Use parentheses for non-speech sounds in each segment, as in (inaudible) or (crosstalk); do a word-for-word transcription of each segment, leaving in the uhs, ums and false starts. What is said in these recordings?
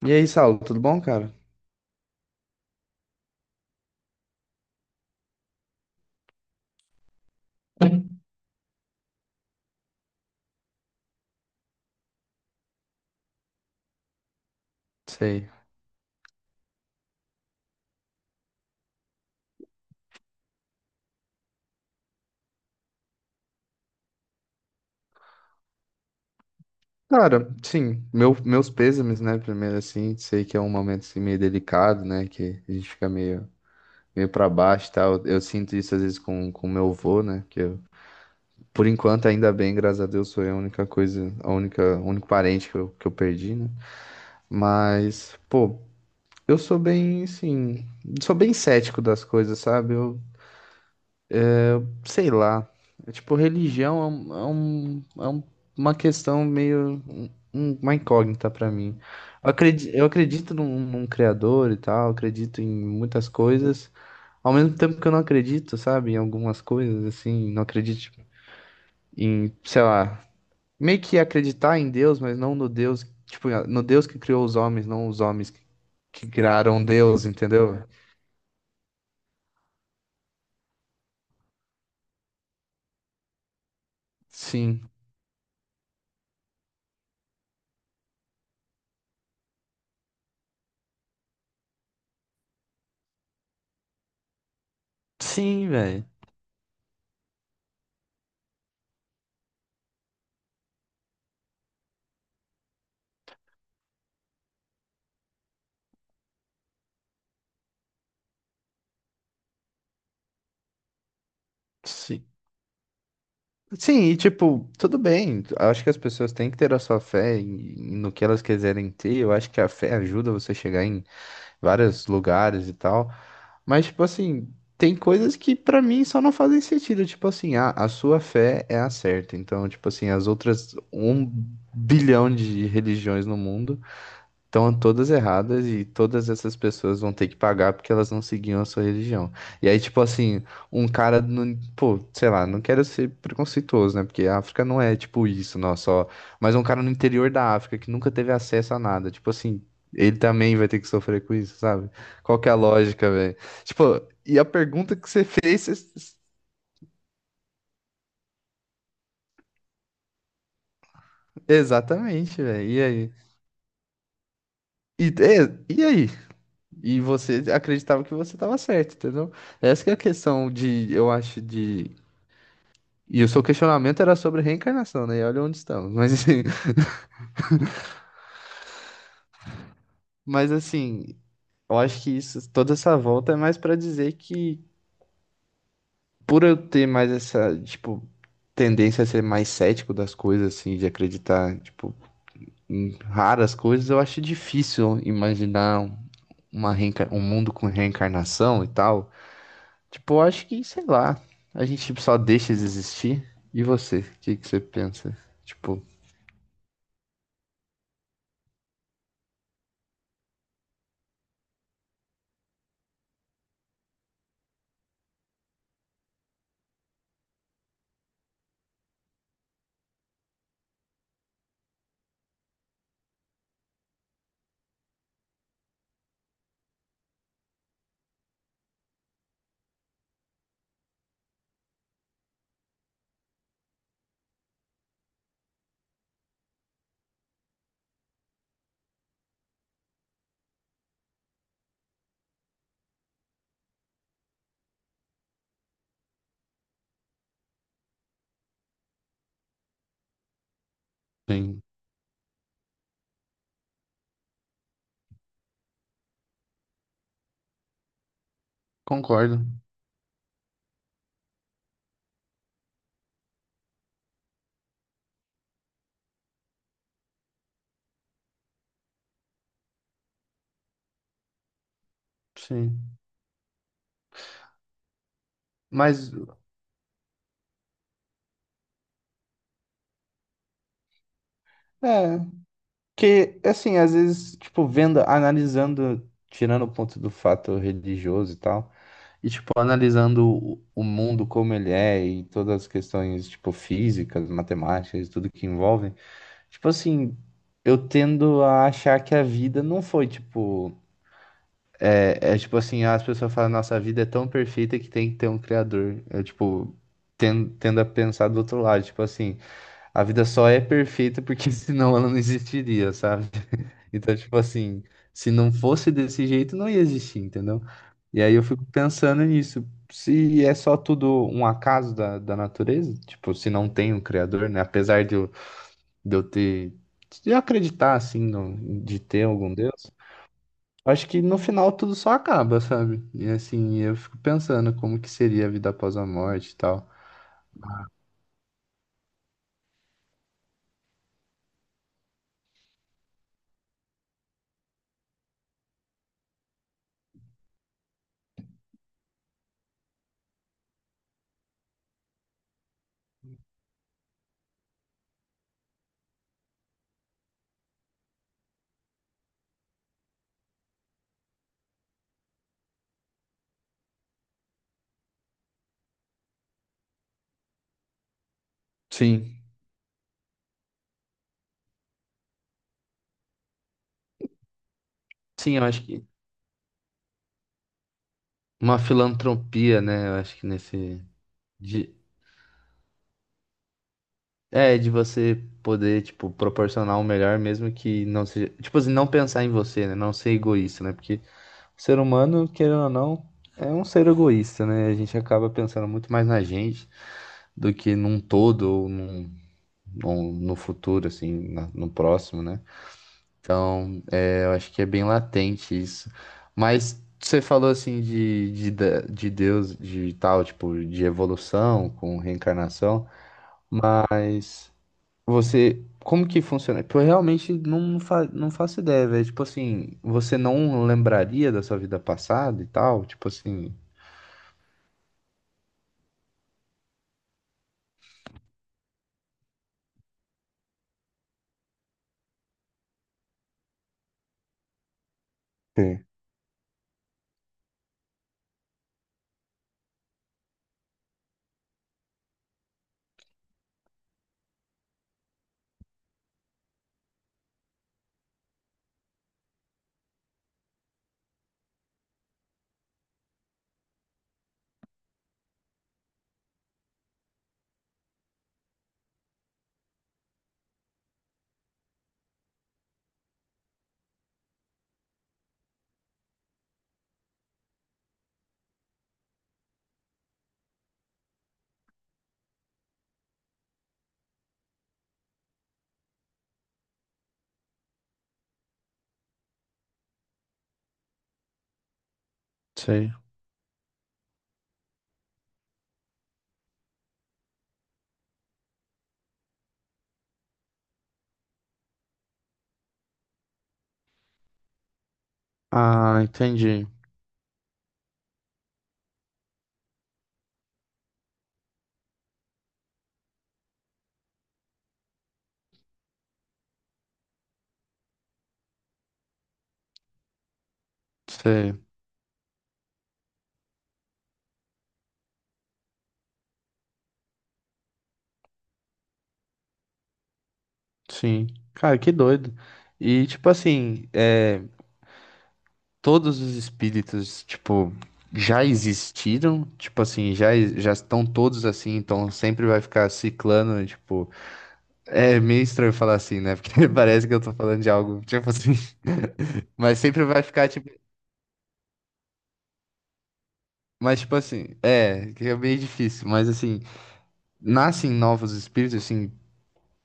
E aí, Saulo, tudo bom, cara? Sei. Cara, sim, meu- meus pêsames, né? Primeiro, assim, sei que é um momento assim, meio delicado, né? Que a gente fica meio, meio pra baixo e tal. Eu sinto isso às vezes com o meu avô, né? Que eu, por enquanto, ainda bem, graças a Deus, sou eu a única coisa, a única, o único parente que eu, que eu perdi, né? Mas, pô, eu sou bem, assim, sou bem cético das coisas, sabe? Sei lá. É tipo, religião é, um, é, um- é um- uma questão meio um- um- uma incógnita pra mim. Eu acredito, eu acredito num, num criador e tal, eu acredito em muitas coisas, ao mesmo tempo que eu não acredito, sabe, em algumas coisas, assim, não acredito em, sei lá, meio que acreditar em Deus, mas não no Deus, tipo, no Deus que criou os homens, não os homens que, que criaram Deus, entendeu? Sim. Sim, velho. Sim, e tipo, tudo bem. Acho que as pessoas têm que ter a sua fé em- no que elas quiserem ter. Eu acho que a fé ajuda você a chegar em vários lugares e tal. Mas, tipo assim, tem coisas que pra mim só não fazem sentido. Tipo assim, a, a sua fé é a certa. Então, tipo assim, as outras um bilhão de religiões no mundo. Estão todas erradas e todas essas pessoas vão ter que pagar porque elas não seguiam a sua religião. E aí, tipo assim, um cara, não, pô, sei lá, não quero ser preconceituoso, né? Porque a África não é tipo isso, não, só. Mas um cara no interior da África que nunca teve acesso a nada, tipo assim, ele também vai ter que sofrer com isso, sabe? Qual que é a lógica, velho? Tipo, e a pergunta que você fez, você- exatamente, velho. E aí? E, é, e aí? E você acreditava que você estava certo, entendeu? Essa que é a questão de, eu acho, de. E o seu questionamento era sobre reencarnação, né? E olha onde estamos. Mas, assim, (laughs) mas assim, eu acho que isso, toda essa volta é mais para dizer que, por eu ter mais essa, tipo, tendência a ser mais cético das coisas, assim, de acreditar, tipo, em raras coisas, eu acho difícil imaginar uma reenca- um mundo com reencarnação e tal. Tipo, eu acho que, sei lá, a gente tipo, só deixa eles existir. E você? O que que você pensa? Tipo, sim, concordo, sim. Mas, é, que assim, às vezes, tipo, vendo, analisando, tirando o ponto do fato religioso e tal, e tipo, analisando o o mundo como ele é e todas as questões, tipo, físicas, matemáticas, tudo que envolvem, tipo assim, eu tendo a achar que a vida não foi, tipo. É tipo assim, as pessoas falam, nossa, a vida é tão perfeita que tem que ter um criador. É tipo, ten- tendo a pensar do outro lado, tipo assim, a vida só é perfeita porque (laughs) senão ela não existiria, sabe? (laughs) Então, tipo assim, se não fosse desse jeito, não ia existir, entendeu? E aí eu fico pensando nisso. Se é só tudo um acaso da, da natureza, tipo, se não tem um criador, né? Apesar de eu, de eu ter, de eu acreditar, assim, no- de ter algum Deus. Acho que no final tudo só acaba, sabe? E assim, eu fico pensando como que seria a vida após a morte e tal. Sim. Sim, eu acho que uma filantropia, né? Eu acho que nesse de é de você poder, tipo, proporcionar o melhor mesmo que não seja, tipo assim, não pensar em você, né? Não ser egoísta, né? Porque o ser humano, querendo ou não, é um ser egoísta, né? A gente acaba pensando muito mais na gente do que num todo ou num, num- no futuro, assim, na- no próximo, né? Então, é, eu acho que é bem latente isso. Mas você falou assim de, de, da- de Deus, de tal, tipo, de evolução com reencarnação, mas você, como que funciona? Porque eu realmente não, fa, não faço ideia, velho. Tipo assim, você não lembraria da sua vida passada e tal? Tipo assim. Sim. Sei. Ah, entendi. Sei. Sim. Cara, que doido. E tipo assim, é. Todos os espíritos, tipo, já existiram, tipo assim, já, já estão todos assim, então sempre vai ficar ciclando, tipo, é meio estranho falar assim, né? Porque (laughs) parece que eu tô falando de algo, tipo assim, (laughs) mas sempre vai ficar, tipo, mas tipo assim, é, que é meio difícil, mas assim, nascem novos espíritos, assim,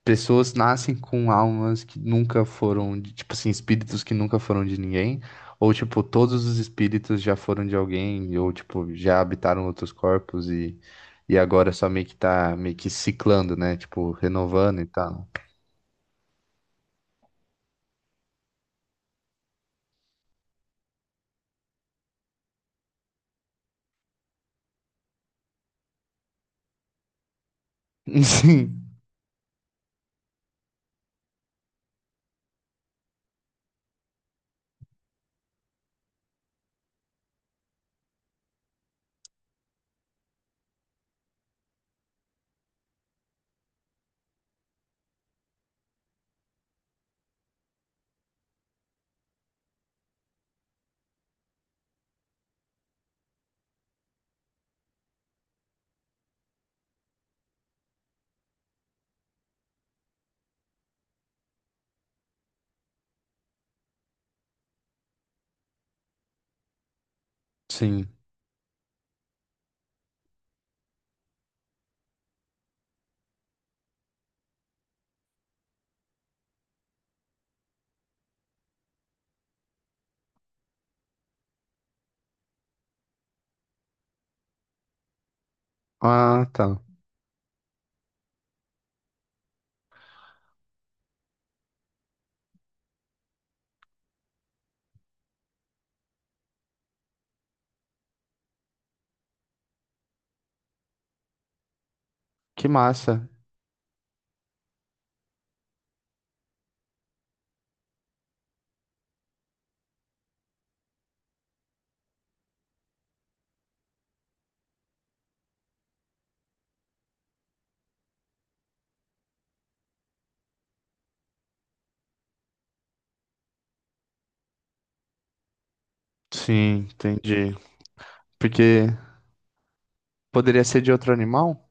pessoas nascem com almas que nunca foram, de- tipo assim, espíritos que nunca foram de ninguém, ou tipo, todos os espíritos já foram de alguém, ou tipo, já habitaram outros corpos e, e agora só meio que tá meio que ciclando, né? Tipo, renovando e tal. (laughs) Sim, sim. Ah, tá. Que massa. Sim, entendi. Porque poderia ser de outro animal?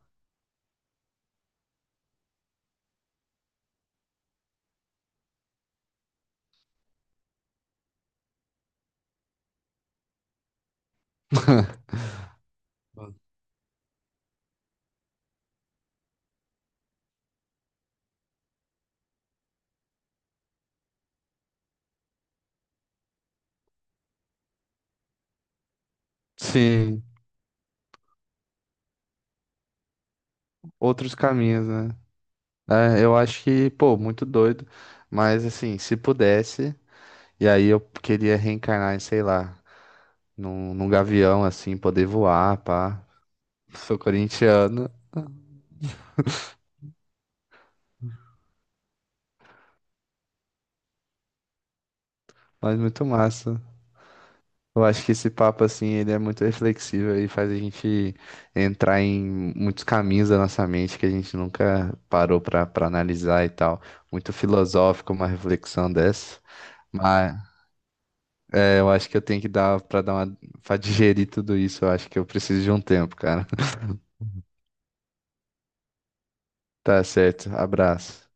Sim, outros caminhos, né? É, eu acho que, pô, muito doido. Mas assim, se pudesse. E aí eu queria reencarnar em, sei lá, num, num gavião, assim, poder voar, pá. Sou corintiano, mas muito massa. Eu acho que esse papo, assim, ele é muito reflexivo e faz a gente entrar em muitos caminhos da nossa mente que a gente nunca parou pra, pra analisar e tal. Muito filosófico uma reflexão dessa. Mas é, eu acho que eu tenho que dar pra dar uma, pra digerir tudo isso. Eu acho que eu preciso de um tempo, cara. (laughs) Tá certo. Abraço.